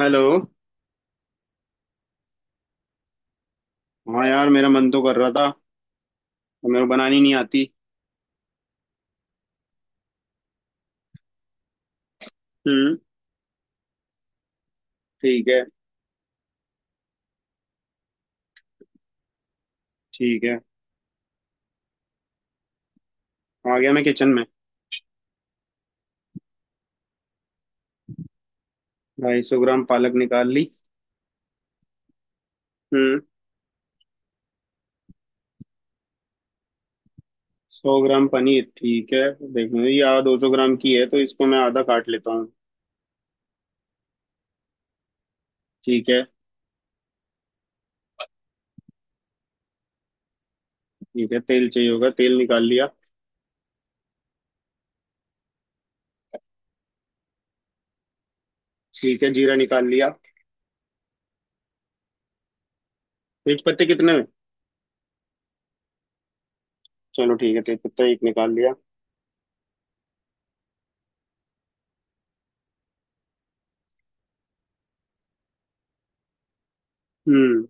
Hello. हाँ यार, मेरा मन तो कर रहा था और मेरे को बनानी नहीं आती। हम्म। ठीक है। ठीक है, आ गया मैं किचन में। 250 ग्राम पालक निकाल ली। हम्म। 100 ग्राम पनीर, ठीक है। देखो, ये आ 200 ग्राम की है तो इसको मैं आधा काट लेता हूँ। ठीक है। ठीक है, तेल चाहिए होगा, तेल निकाल लिया। ठीक है, जीरा निकाल लिया। तेज पत्ते कितने? चलो ठीक है, तेज पत्ता एक निकाल लिया। हम्म,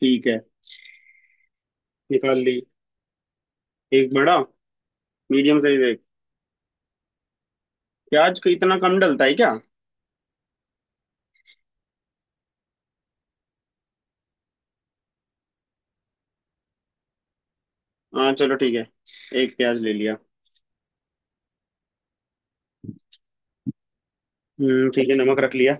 ठीक है, निकाल ली। एक बड़ा। मीडियम साइज एक। प्याज का इतना कम डलता है क्या? हाँ चलो ठीक है, एक प्याज ले लिया। ठीक है, नमक रख लिया।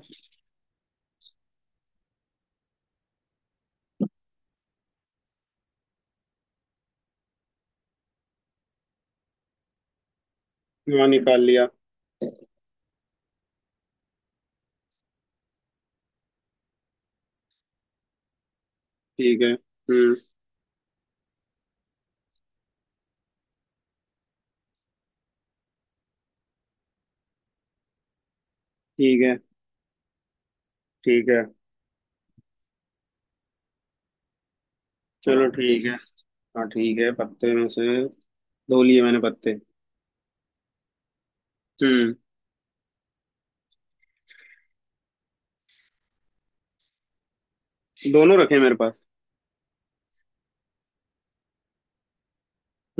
हाँ निकाल लिया। ठीक है। ठीक है। ठीक है। चलो ठीक है। हाँ ठीक है, पत्ते में से धो लिए मैंने पत्ते। हम्म। दोनों रखे मेरे पास।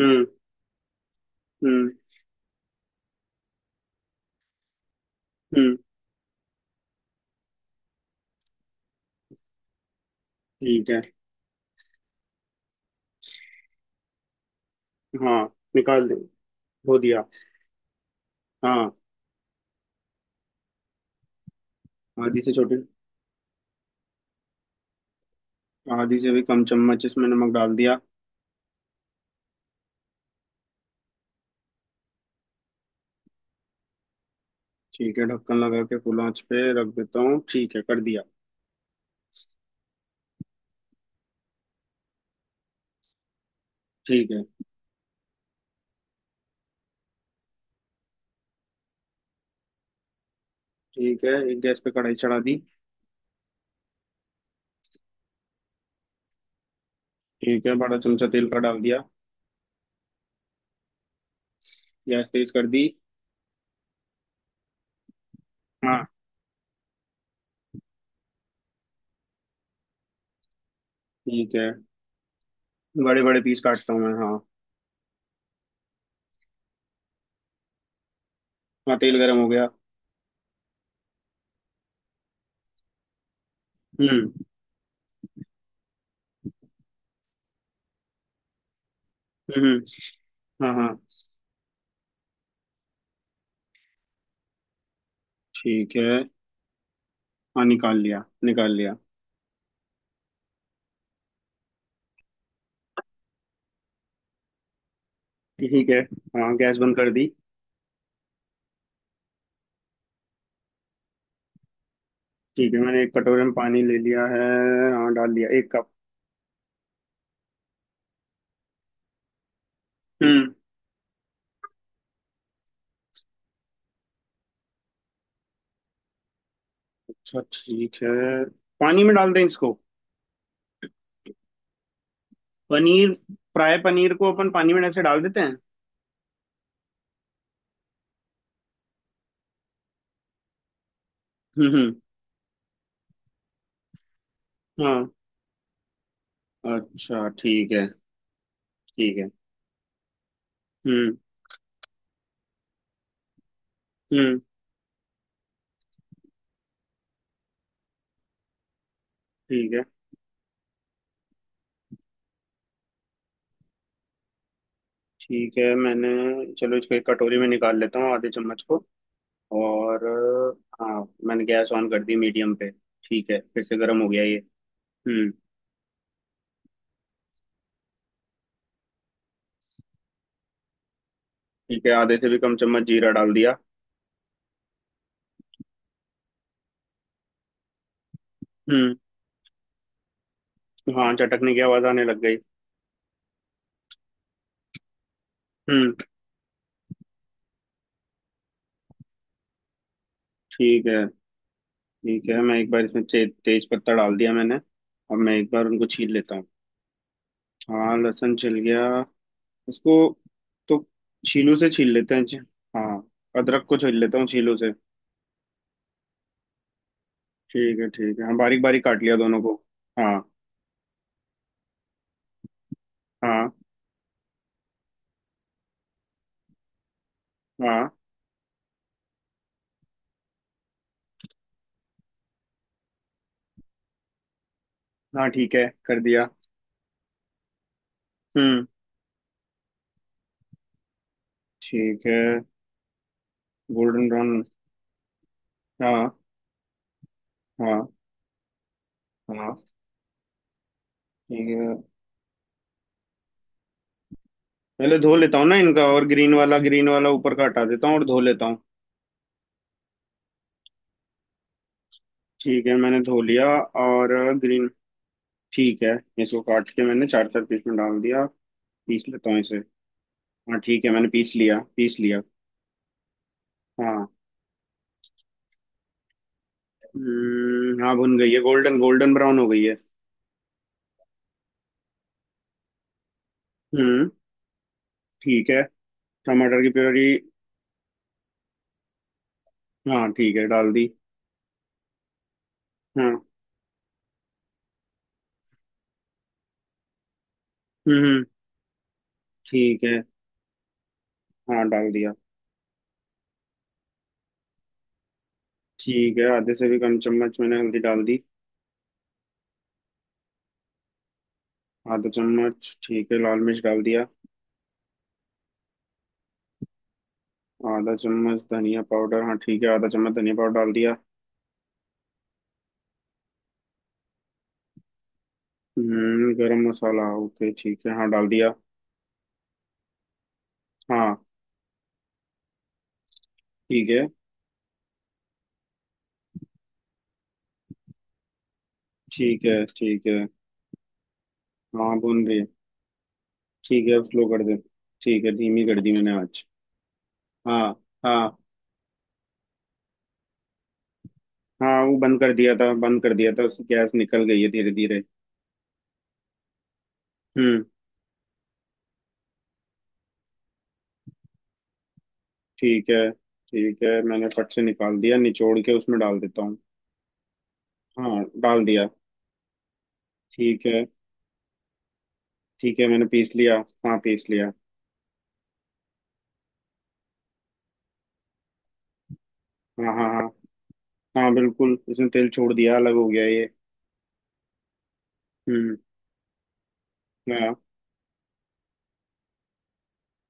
हम्म। हम्म। हम्म ठीक है। हाँ निकाल दे, धो दिया। हाँ। आधी से छोटी, आधी से भी कम चम्मच इसमें नमक डाल दिया। ठीक है, ढक्कन लगा के फुल आंच पे रख देता हूँ, ठीक है कर दिया। ठीक है। ठीक है, एक गैस पे कढ़ाई चढ़ा दी। ठीक है, बड़ा चमचा तेल का डाल दिया। गैस तेज कर दी। हाँ, ठीक है, बड़े बड़े पीस काटता हूँ मैं। हाँ। हाँ तेल गरम हो गया। हम्म। हम्म, हाँ हाँ। ठीक है। हाँ निकाल लिया, निकाल लिया। ठीक है। हाँ गैस बंद कर दी। ठीक है, मैंने एक कटोरे में पानी ले लिया है। हाँ डाल लिया एक कप। हम्म। अच्छा ठीक है। पानी में डाल दें इसको? पनीर, फ्राई पनीर को अपन पानी में ऐसे डाल देते हैं? हम्म हम्म, हाँ। अच्छा ठीक है। ठीक है। हम्म। हम्म ठीक है। ठीक है मैंने, चलो इसको एक कटोरी में निकाल लेता हूँ आधे चम्मच को। और हाँ मैंने गैस ऑन कर दी मीडियम पे। ठीक है, फिर से गर्म हो गया ये। हम्म। ठीक है, आधे से भी कम चम्मच जीरा डाल दिया। हम्म, हाँ चटकने की आवाज आने लग गई। हम्म, ठीक है। ठीक है, मैं एक बार इसमें तेज पत्ता डाल दिया मैंने, अब मैं एक बार उनको छील लेता हूँ। हाँ लहसुन छिल गया। इसको तो छीलू से छील लेते हैं जी। हाँ, अदरक को छील लेता हूँ छीलू से। ठीक है, ठीक है, हाँ बारीक बारीक काट लिया दोनों को। हाँ। हाँ हाँ हाँ, ठीक है कर दिया। हम्म ठीक है। Golden brown. हाँ। हाँ हाँ। ठीक है, पहले धो लेता हूँ ना इनका, और ग्रीन वाला ऊपर का हटा देता हूँ और धो लेता हूँ। ठीक है मैंने धो लिया। और ग्रीन। ठीक है, इसको काट के मैंने चार चार पीस में डाल दिया। पीस लेता हूँ इसे। हाँ ठीक है, मैंने पीस लिया, पीस लिया। हाँ। हाँ भुन गई है, गोल्डन गोल्डन ब्राउन हो गई है। हम्म ठीक है। टमाटर की प्योरी? हाँ ठीक है, डाल दी। हाँ। हम्म हम्म, ठीक है। हाँ डाल दिया। ठीक है, आधे से भी कम चम्मच मैंने हल्दी डाल दी। आधा चम्मच, ठीक है, लाल मिर्च डाल दिया। आधा चम्मच धनिया पाउडर, हाँ ठीक है, आधा चम्मच धनिया पाउडर डाल दिया। हम्म, गरम मसाला, ओके ठीक है, हाँ डाल दिया। हाँ। ठीक है। ठीक है। ठीक है, हाँ भून रही है। ठीक है, स्लो कर दे। ठीक है, धीमी कर दी मैंने आँच। हाँ। हाँ, हाँ वो बंद कर दिया था, बंद कर दिया था, उसकी गैस निकल गई है धीरे धीरे। हम्म ठीक है। ठीक है, मैंने फट से निकाल दिया, निचोड़ के उसमें डाल देता हूँ। हाँ डाल दिया। ठीक है। ठीक है, मैंने पीस लिया। हाँ पीस लिया। हाँ हाँ हाँ। हाँ, बिल्कुल इसने तेल छोड़ दिया, अलग हो गया ये। हम्म। हाँ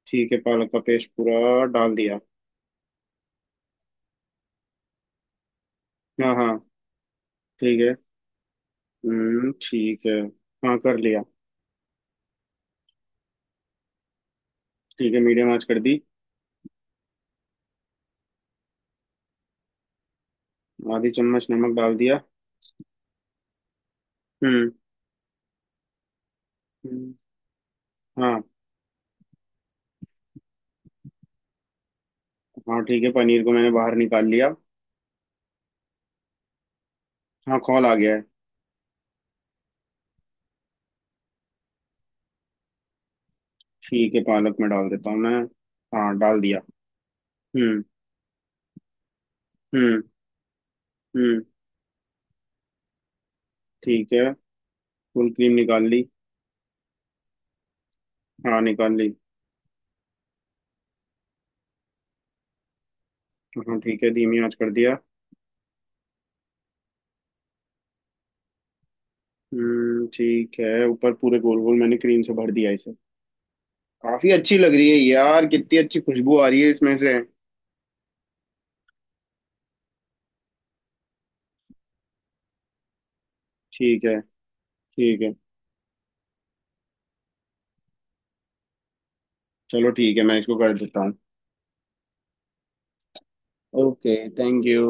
ठीक है, पालक का पेस्ट पूरा डाल दिया। हाँ हाँ। ठीक है। ठीक है। हाँ कर लिया। ठीक है, मीडियम आंच कर दी। आधी चम्मच नमक डाल दिया। हम्म हम्म, हाँ। हाँ ठीक है, पनीर को मैंने बाहर निकाल लिया। हाँ खोल आ गया है। ठीक है, पालक में डाल देता हूँ मैं। हाँ डाल दिया। हम्म। हम्म। हम्म ठीक है, फुल क्रीम निकाल ली। हाँ निकाल ली। हाँ ठीक है, धीमी आंच कर दिया। ठीक है, ऊपर पूरे गोल गोल मैंने क्रीम से भर दिया इसे। काफी अच्छी लग रही है यार, कितनी अच्छी खुशबू आ रही है इसमें से। ठीक है। ठीक है, चलो ठीक है, मैं इसको कर देता हूँ। Okay, thank you.